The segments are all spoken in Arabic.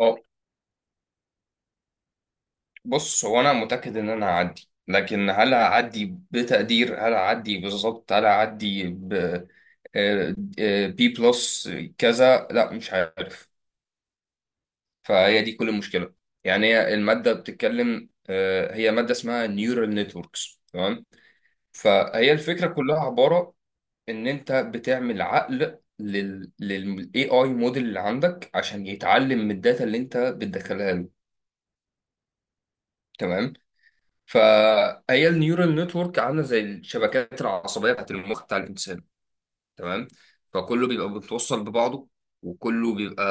هو بص. هو انا متاكد ان انا هعدي، لكن هل هعدي بتقدير؟ هل هعدي بالظبط؟ هل هعدي بي بلس كذا؟ لا، مش عارف. فهي دي كل المشكله. يعني هي الماده بتتكلم، هي ماده اسمها نيورال نتوركس. تمام. فهي الفكره كلها عباره ان انت بتعمل عقل للاي اي موديل اللي عندك عشان يتعلم من الداتا اللي انت بتدخلها له. تمام. فهي النيورال نتورك عامله زي الشبكات العصبيه بتاعت المخ بتاع الانسان. تمام. فكله بيبقى متوصل ببعضه، وكله بيبقى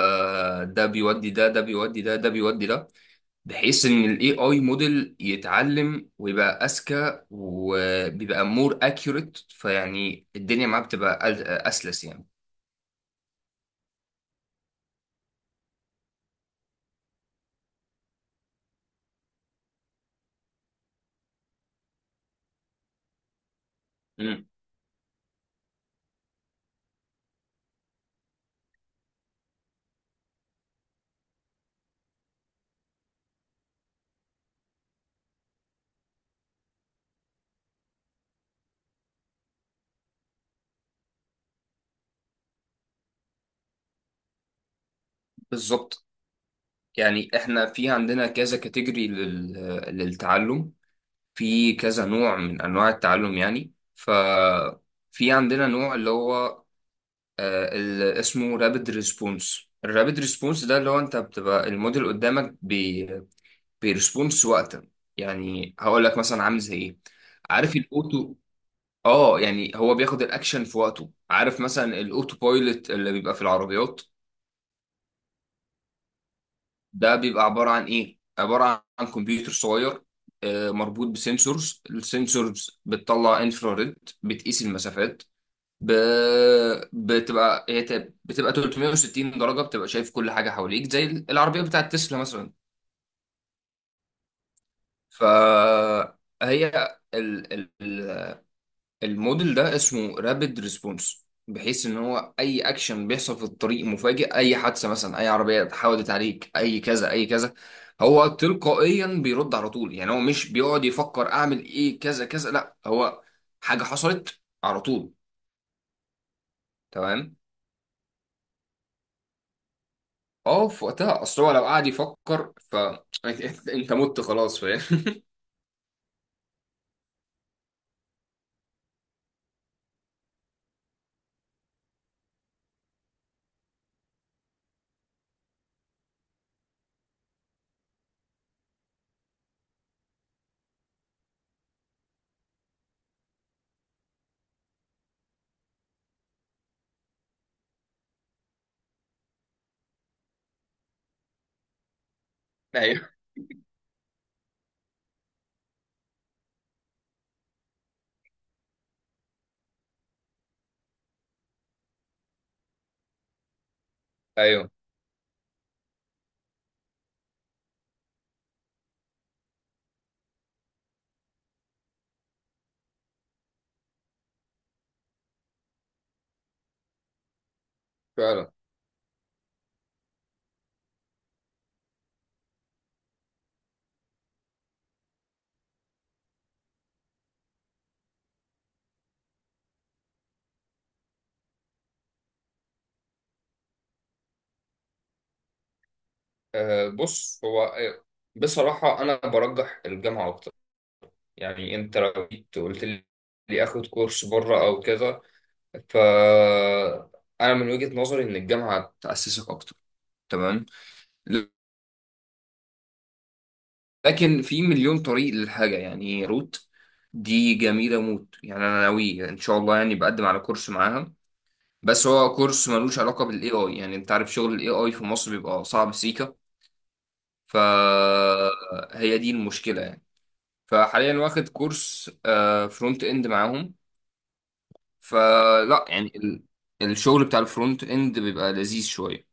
ده بيودي ده، ده بيودي ده، ده بيودي ده، بحيث ان الاي اي موديل يتعلم ويبقى اذكى وبيبقى مور اكيوريت. فيعني الدنيا معاه بتبقى اسلس يعني. مم. بالظبط. يعني احنا في عندنا كذا كاتيجوري للتعلم. في كذا نوع من انواع التعلم يعني. ففي عندنا نوع اللي هو اللي اسمه رابid ريسبونس الرابد ريسبونس. ده اللي هو انت بتبقى الموديل قدامك بيرسبونس وقتا. يعني هقول لك مثلا، عامل زي ايه؟ عارف الاوتو اه يعني هو بياخد الاكشن في وقته. عارف مثلا الاوتو بايلوت اللي بيبقى في العربيات؟ ده بيبقى عبارة عن إيه؟ عبارة عن كمبيوتر صغير مربوط بسنسورز. السنسورز بتطلع انفراريد، بتقيس المسافات، ب... بتبقى 360 درجة، بتبقى شايف كل حاجة حواليك زي العربية بتاعت تسلا مثلا. فهي الموديل ده اسمه رابيد ريسبونس، بحيث ان هو اي اكشن بيحصل في الطريق مفاجئ، اي حادثه مثلا، اي عربيه اتحودت عليك، اي كذا اي كذا، هو تلقائيا بيرد على طول. يعني هو مش بيقعد يفكر اعمل ايه كذا كذا، لا، هو حاجه حصلت على طول. تمام. اه، في وقتها، اصل هو لو قعد يفكر ف انت مت خلاص فاهم. ايوه، ايوه، فعلا. بص. هو بصراحه انا برجح الجامعه اكتر. يعني انت لو جيت قلت لي اخد كورس بره او كذا، ف انا من وجهة نظري ان الجامعة تأسسك اكتر. تمام. لكن في مليون طريق للحاجة. يعني روت دي جميلة موت. يعني انا ناوي ان شاء الله يعني بقدم على كورس معاها، بس هو كورس ملوش علاقة بالاي اي. يعني انت عارف شغل الاي اي في مصر بيبقى صعب سيكا. فهي دي المشكلة يعني. فحاليا واخد كورس فرونت اند معاهم. فلا يعني الشغل بتاع الفرونت اند بيبقى لذيذ شوية.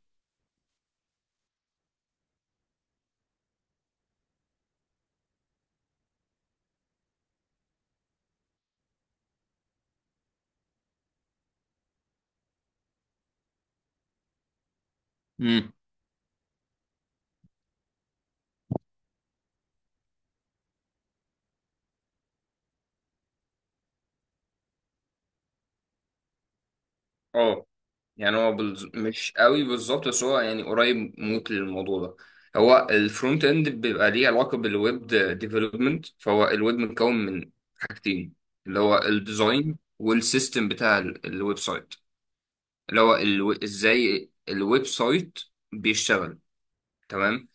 امم، اه، يعني هو مش قوي بالظبط، بس هو يعني قريب موت للموضوع ده. هو الفرونت اند بيبقى ليه علاقة بالويب ديفلوبمنت. فهو الويب متكون من حاجتين، اللي هو الديزاين والسيستم بتاع الويب سايت، اللي هو ازاي الويب سايت بيشتغل. تمام.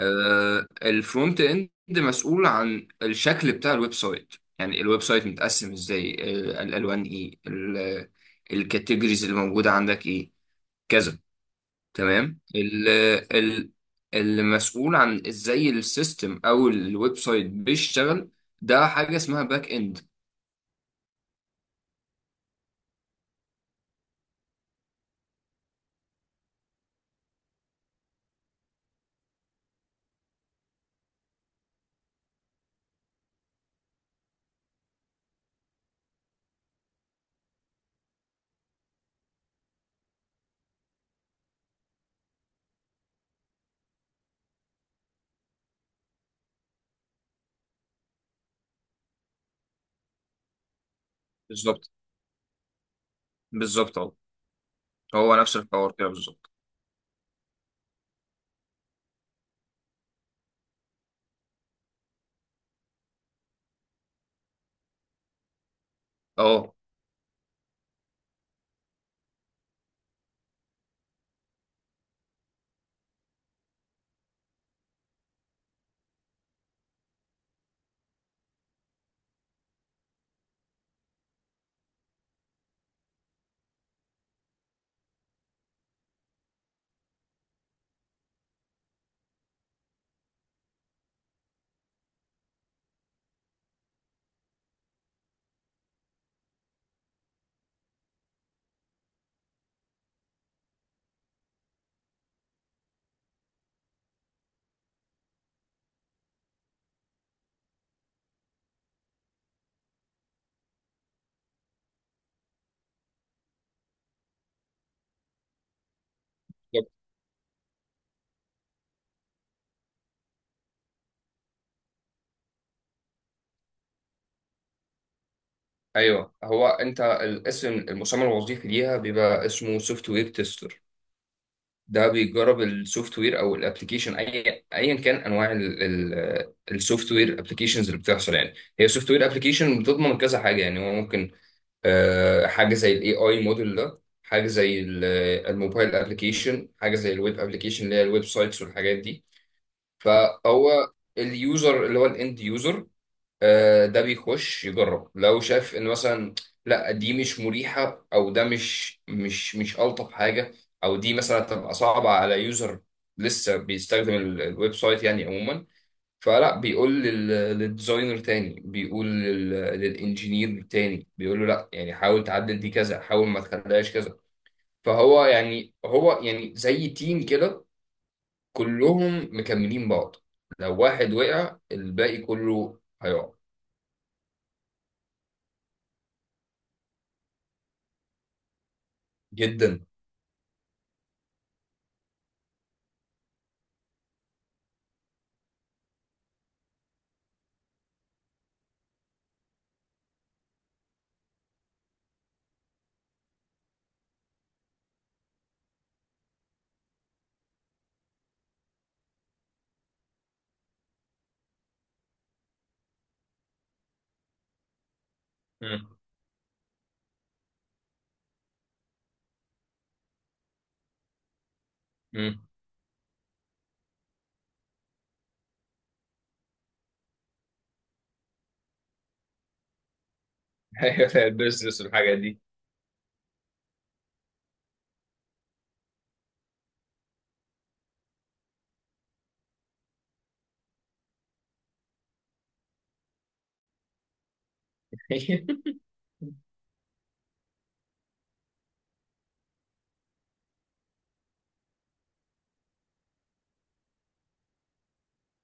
الفرونت اند مسؤول عن الشكل بتاع الويب سايت. يعني الويب سايت متقسم ازاي؟ الالوان ايه؟ الكاتيجوريز اللي موجوده عندك ايه؟ كذا. تمام. ال ال المسؤول عن ازاي السيستم او الويب سايت بيشتغل، ده حاجه اسمها باك اند. بالظبط، بالظبط اهو. هو نفس الحوار كده بالظبط. اه، ايوه. هو انت الاسم المسمى الوظيفي ليها بيبقى اسمه سوفت وير تيستر. ده بيجرب السوفت وير او الابلكيشن اي ايا كان، انواع السوفت وير ابلكيشنز اللي بتحصل. يعني هي سوفت وير ابلكيشن بتضمن كذا حاجه. يعني هو ممكن حاجه زي الاي اي موديل ده، حاجه زي الموبايل ابلكيشن، حاجه زي الويب ابلكيشن اللي هي الويب سايتس والحاجات دي. فهو اليوزر اللي هو الاند يوزر، ده بيخش يجرب. لو شاف ان مثلا لا، دي مش مريحه، او ده مش الطف حاجه، او دي مثلا تبقى صعبه على يوزر لسه بيستخدم الويب سايت يعني عموما، فلا بيقول للديزاينر تاني، بيقول للانجينير تاني، بيقول له لا، يعني حاول تعدل دي كذا، حاول ما تخليهاش كذا. فهو يعني هو يعني زي تيم كده، كلهم مكملين بعض. لو واحد وقع الباقي كله هيقع. جدا. مم. ايوه، ده البيزنس والحاجات دي.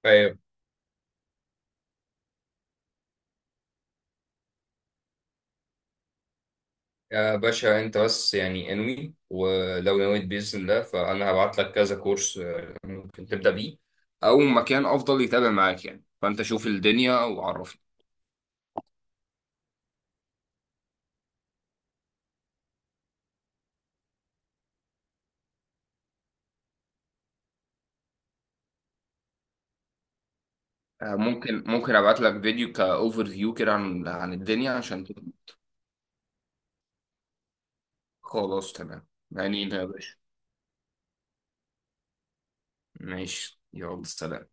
طيب، يا باشا انت بس يعني انوي، ولو نويت باذن الله فانا هبعت لك كذا كورس ممكن تبدا بيه، او مكان افضل يتابع معاك يعني. فانت شوف الدنيا وعرفني. ممكن ابعت لك فيديو كاوفر فيو كده عن الدنيا عشان تبقى- خلاص، تمام يعني يا باشا. ماشي، يلا سلام.